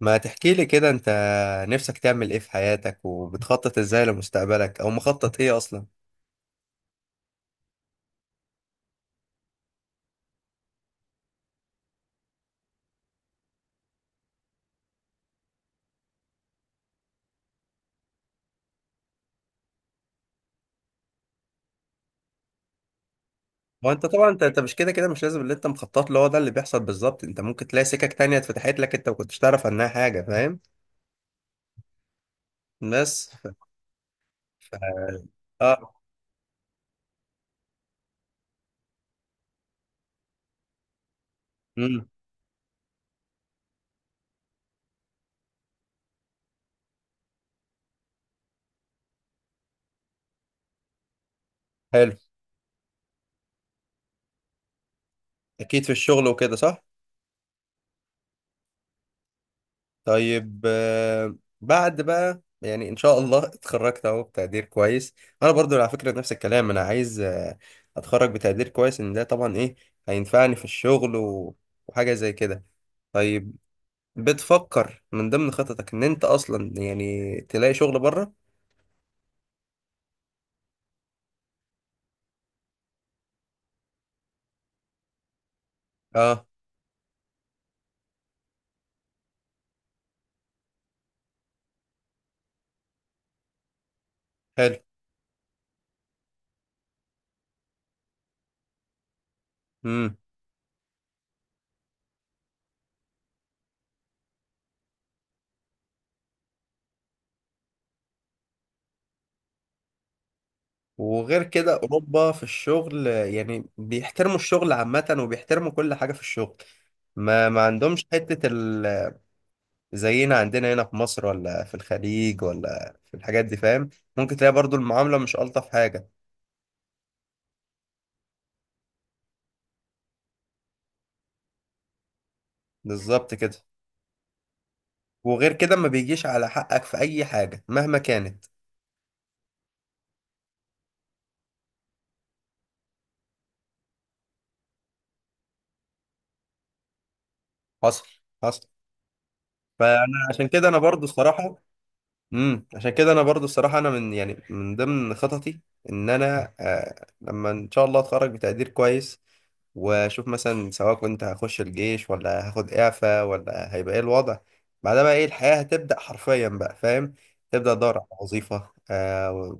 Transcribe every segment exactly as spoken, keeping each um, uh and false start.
ما تحكي لي كده انت، نفسك تعمل ايه في حياتك وبتخطط ازاي لمستقبلك او مخطط ايه اصلا؟ هو انت طبعا انت انت مش كده كده مش لازم اللي انت مخطط له هو ده اللي بيحصل بالظبط. انت ممكن تلاقي سكك تانية اتفتحت لك انت ما كنتش تعرف عنها حاجة، فاهم؟ بس ف... ف... اه امم حلو. اكيد في الشغل وكده، صح. طيب آه، بعد بقى يعني ان شاء الله اتخرجت اهو بتقدير كويس، انا برضو على فكره نفس الكلام. انا عايز آه، اتخرج بتقدير كويس، ان ده طبعا ايه، هينفعني في الشغل و... وحاجه زي كده. طيب، بتفكر من ضمن خططك ان انت اصلا يعني تلاقي شغل بره؟ اه. حلو. امم. وغير كده اوروبا في الشغل آه، يعني بيحترموا الشغل عامه وبيحترموا كل حاجه في الشغل. ما ما عندهمش حته ال زينا عندنا هنا في مصر، ولا في الخليج، ولا في الحاجات دي، فاهم؟ ممكن تلاقي برضو المعاملة مش ألطف حاجة. بالظبط كده. وغير كده ما بيجيش على حقك في أي حاجة مهما كانت. حصل، حصل. فأنا عشان كده أنا برضو الصراحة، امم عشان كده انا برضو الصراحه، انا من يعني من ضمن خططي ان انا آه لما ان شاء الله اتخرج بتقدير كويس، واشوف مثلا سواء كنت هخش الجيش ولا هاخد اعفاء ولا هيبقى ايه الوضع. بعدها بقى ايه، الحياة هتبدأ حرفيا بقى، فاهم؟ تبدأ تدور على وظيفة آه،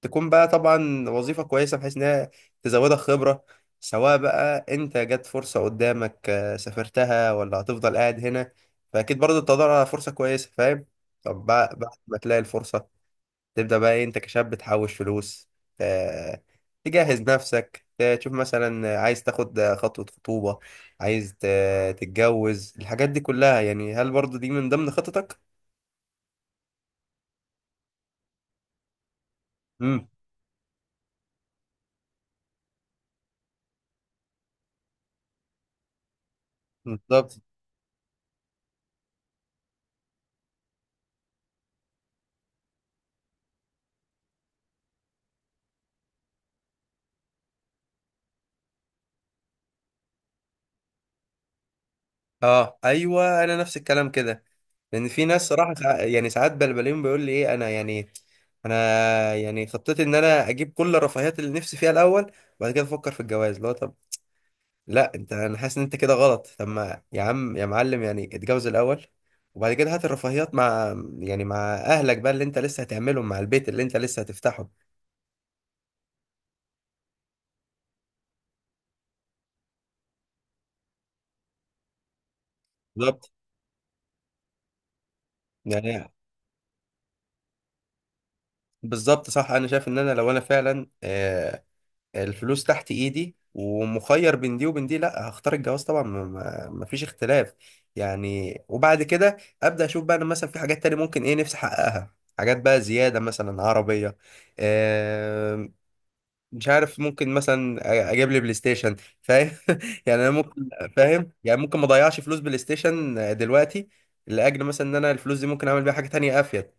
تكون بقى طبعا وظيفة كويسة بحيث إنها تزودك خبرة. سواء بقى أنت جت فرصة قدامك آه، سافرتها، ولا هتفضل قاعد هنا. فأكيد برضه بتدور على فرصة كويسة، فاهم؟ طب بع- بعد ما تلاقي الفرصة، تبدأ بقى إيه، أنت كشاب تحوش فلوس، آه، تجهز نفسك، ت- تشوف مثلا عايز تاخد خطوة خطوبة، عايز ت- تتجوز، الحاجات دي كلها. يعني هل برضه دي من ضمن خططك؟ امم. بالظبط. اه ايوه، انا نفس الكلام كده. لان في ناس صراحه سع- يعني ساعات بلبلين، بيقول لي ايه انا يعني انا يعني خطتي ان انا اجيب كل الرفاهيات اللي نفسي فيها الاول، وبعد كده افكر في الجواز. اللي هو طب لا، انت انا حاسس ان انت كده غلط. طب ما يا عم يا معلم يعني اتجوز الاول، وبعد كده هات الرفاهيات مع يعني مع اهلك بقى اللي انت لسه هتعملهم، مع البيت اللي انت لسه هتفتحه. بالظبط. يعني بالظبط، صح. انا شايف ان انا لو انا فعلا آه، الفلوس تحت ايدي ومخير بين دي وبين دي، لا هختار الجواز طبعا، ما ما- مفيش اختلاف يعني. وبعد كده ابدا اشوف بقى انا مثلا في حاجات تانية ممكن ايه نفسي احققها. حاجات بقى زيادة، مثلا عربية، مش عارف، ممكن مثلا أ- اجيب لي بلاي ستيشن، فاهم؟ يعني انا ممكن، فاهم، يعني ممكن ما اضيعش فلوس بلاي ستيشن دلوقتي، لاجل مثلا ان انا الفلوس دي ممكن اعمل بيها حاجه تانية افيد.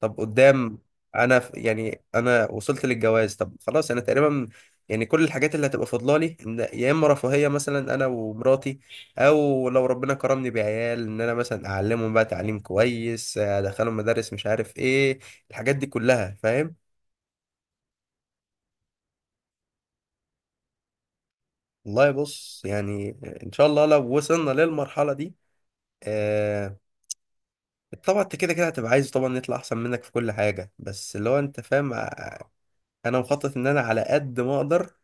طب قدام، انا ف- يعني انا وصلت للجواز. طب خلاص، انا تقريبا يعني كل الحاجات اللي هتبقى فاضله لي، إن يا اما رفاهيه مثلا انا ومراتي، او لو ربنا كرمني بعيال، ان انا مثلا اعلمهم بقى تعليم كويس، ادخلهم مدارس، مش عارف ايه، الحاجات دي كلها، فاهم؟ والله بص يعني، ان شاء الله لو وصلنا للمرحله دي، آه طبعا انت كده كده هتبقى عايز طبعا نطلع احسن منك في كل حاجه، بس اللي هو انت فاهم آه، انا مخطط ان انا على قد ما اقدر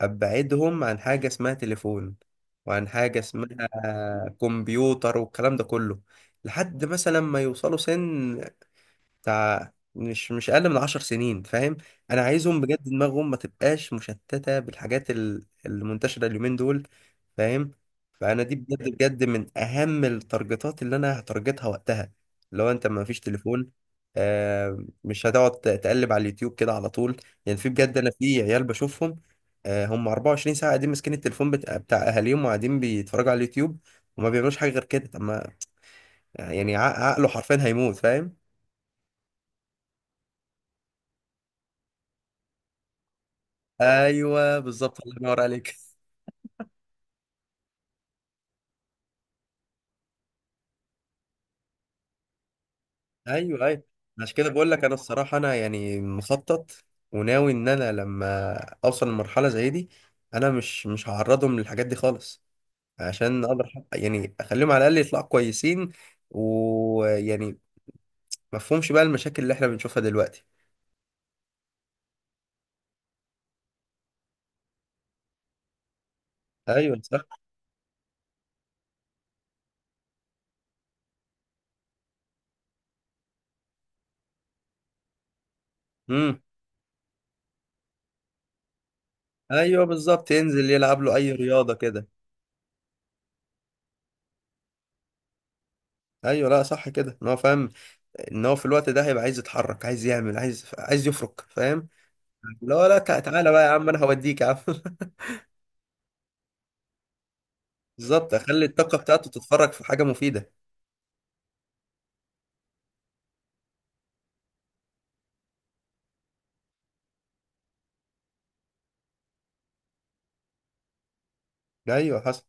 ابعدهم عن حاجه اسمها تليفون، وعن حاجه اسمها كمبيوتر والكلام ده كله، لحد مثلا ما يوصلوا سن بتاع مش مش اقل من عشر سنين، فاهم؟ انا عايزهم بجد دماغهم ما تبقاش مشتته بالحاجات ال- المنتشره اليومين دول، فاهم؟ فانا دي بجد بجد من اهم التارجتات اللي انا هتارجتها وقتها. لو انت ما فيش تليفون، آه مش هتقعد ت- تقلب على اليوتيوب كده على طول. يعني في بجد انا في عيال بشوفهم، آه هم اربعة وعشرين ساعه قاعدين ماسكين التليفون بتاع, بتاع اهاليهم، وقاعدين بيتفرجوا على اليوتيوب وما بيعملوش حاجه غير كده. طب ما يعني عق- عقله حرفيا هيموت، فاهم؟ ايوه بالظبط، الله ينور عليك. ايوه ايوه، عشان كده بقول لك انا الصراحه، انا يعني مخطط وناوي ان انا لما اوصل لمرحله زي دي، انا مش مش هعرضهم للحاجات دي خالص، عشان اقدر أحقق- يعني اخليهم على الاقل يطلعوا كويسين، ويعني ما فهمش بقى المشاكل اللي احنا بنشوفها دلوقتي. ايوه صح. امم. ايوه بالظبط، ينزل يلعب له اي رياضه كده. ايوه لا صح كده، ان هو فاهم ان هو في الوقت ده هيبقى عايز يتحرك، عايز يعمل، عايز عايز يفرك، فاهم؟ لا لا، تع- تعالى بقى يا عم انا هوديك يا عم. بالظبط، اخلي الطاقه بتاعته تتفرج في حاجه مفيده. ايوه حصل.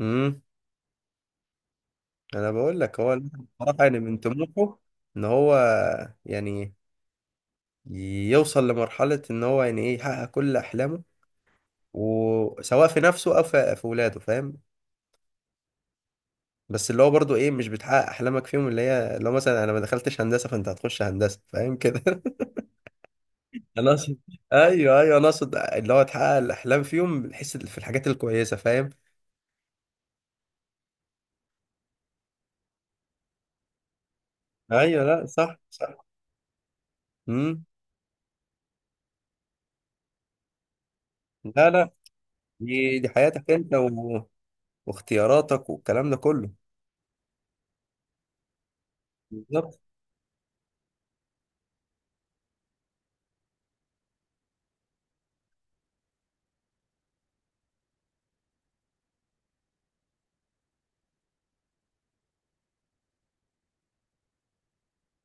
امم. انا بقول لك هو الواحد بصراحه، يعني من طموحه ان هو يعني يوصل لمرحله ان هو يعني ايه، يحقق كل احلامه، وسواء في نفسه او في في ولاده، فاهم؟ بس اللي هو برضو ايه، مش بتحقق احلامك فيهم. اللي هي لو مثلا انا ما دخلتش هندسه، فانت هتخش هندسه، فاهم كده؟ انا اقصد، ايوه ايوه، انا اقصد اللي هو تحقق الاحلام فيهم بحيث في الحاجات الكويسه، فاهم؟ ايوه لا صح صح. امم. لا لا، دي دي حياتك انت و... واختياراتك والكلام ده كله. بالظبط.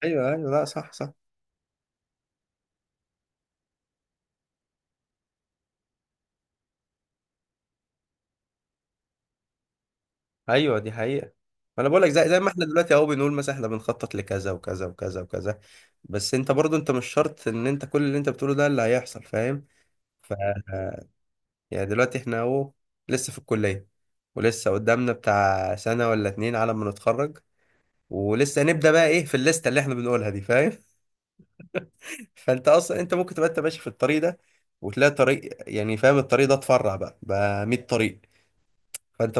ايوه ايوه لا صح صح. ايوه دي حقيقة. ما انا بقول لك، زي زي ما احنا دلوقتي اهو بنقول مثلا احنا بنخطط لكذا وكذا وكذا وكذا. بس انت برضو انت مش شرط ان انت كل اللي انت بتقوله ده اللي هيحصل، فاهم؟ ف يعني دلوقتي احنا اهو لسه في الكلية، ولسه قدامنا بتاع سنة ولا اتنين على ما نتخرج، ولسه نبدأ بقى ايه في الليستة اللي احنا بنقولها دي، فاهم؟ فانت اصلا انت ممكن تبقى انت ماشي في الطريق ده، وتلاقي طريق، يعني فاهم الطريق ده اتفرع بقى بقى ميه طريق. فانت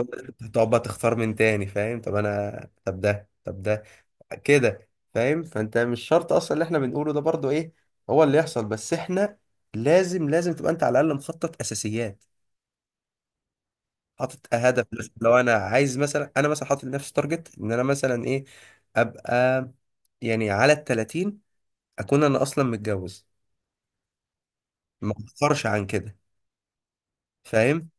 تقعد بقى تختار من تاني، فاهم؟ طب انا طب ده طب ده كده، فاهم؟ فانت مش شرط اصلا اللي احنا بنقوله ده برضو ايه هو اللي يحصل، بس احنا لازم لازم تبقى انت على الاقل مخطط اساسيات، حاطط هدف. مثلا لو انا عايز مثلا، انا مثلا حاطط لنفسي تارجت ان انا مثلا ايه، ابقى يعني على ال التلاتين اكون انا اصلا متجوز، ما اتاخرش عن كده، فاهم؟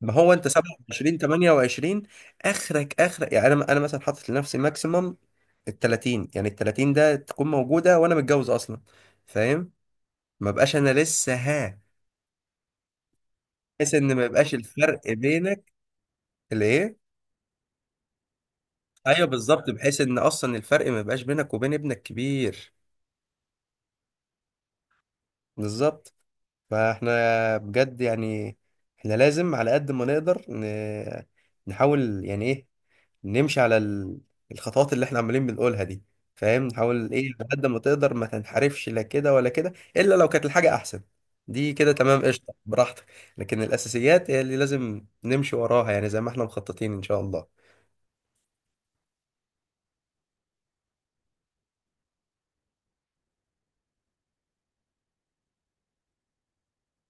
ما هو انت سبعة وعشرين ثمانية وعشرين اخرك اخرك. يعني انا انا مثلا حاطط لنفسي ماكسيمم ال التلاتين، يعني ال التلاتين ده تكون موجوده وانا متجوز اصلا، فاهم؟ ما بقاش انا لسه ها. بحيث ان ما يبقاش الفرق بينك الايه، ايوه بالظبط، بحيث ان اصلا الفرق ما يبقاش بينك وبين ابنك كبير. بالظبط. فاحنا بجد يعني احنا لازم على قد ما نقدر ن... نحاول يعني ايه نمشي على ال- الخطوات اللي احنا عمالين بنقولها دي، فاهم؟ نحاول ايه على قد ما تقدر ما تنحرفش لا كده ولا كده، الا لو كانت الحاجه احسن دي كده، تمام، قشطه براحتك. لكن الاساسيات هي اللي لازم نمشي وراها، يعني زي ما احنا مخططين ان شاء الله.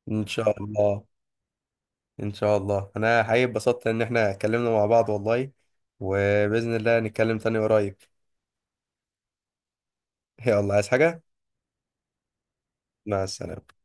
ان شاء الله. ان شاء الله، انا حقيقي اتبسطت ان احنا اتكلمنا مع بعض والله، وباذن الله نتكلم تاني قريب. يلا عايز حاجه؟ مع السلامه.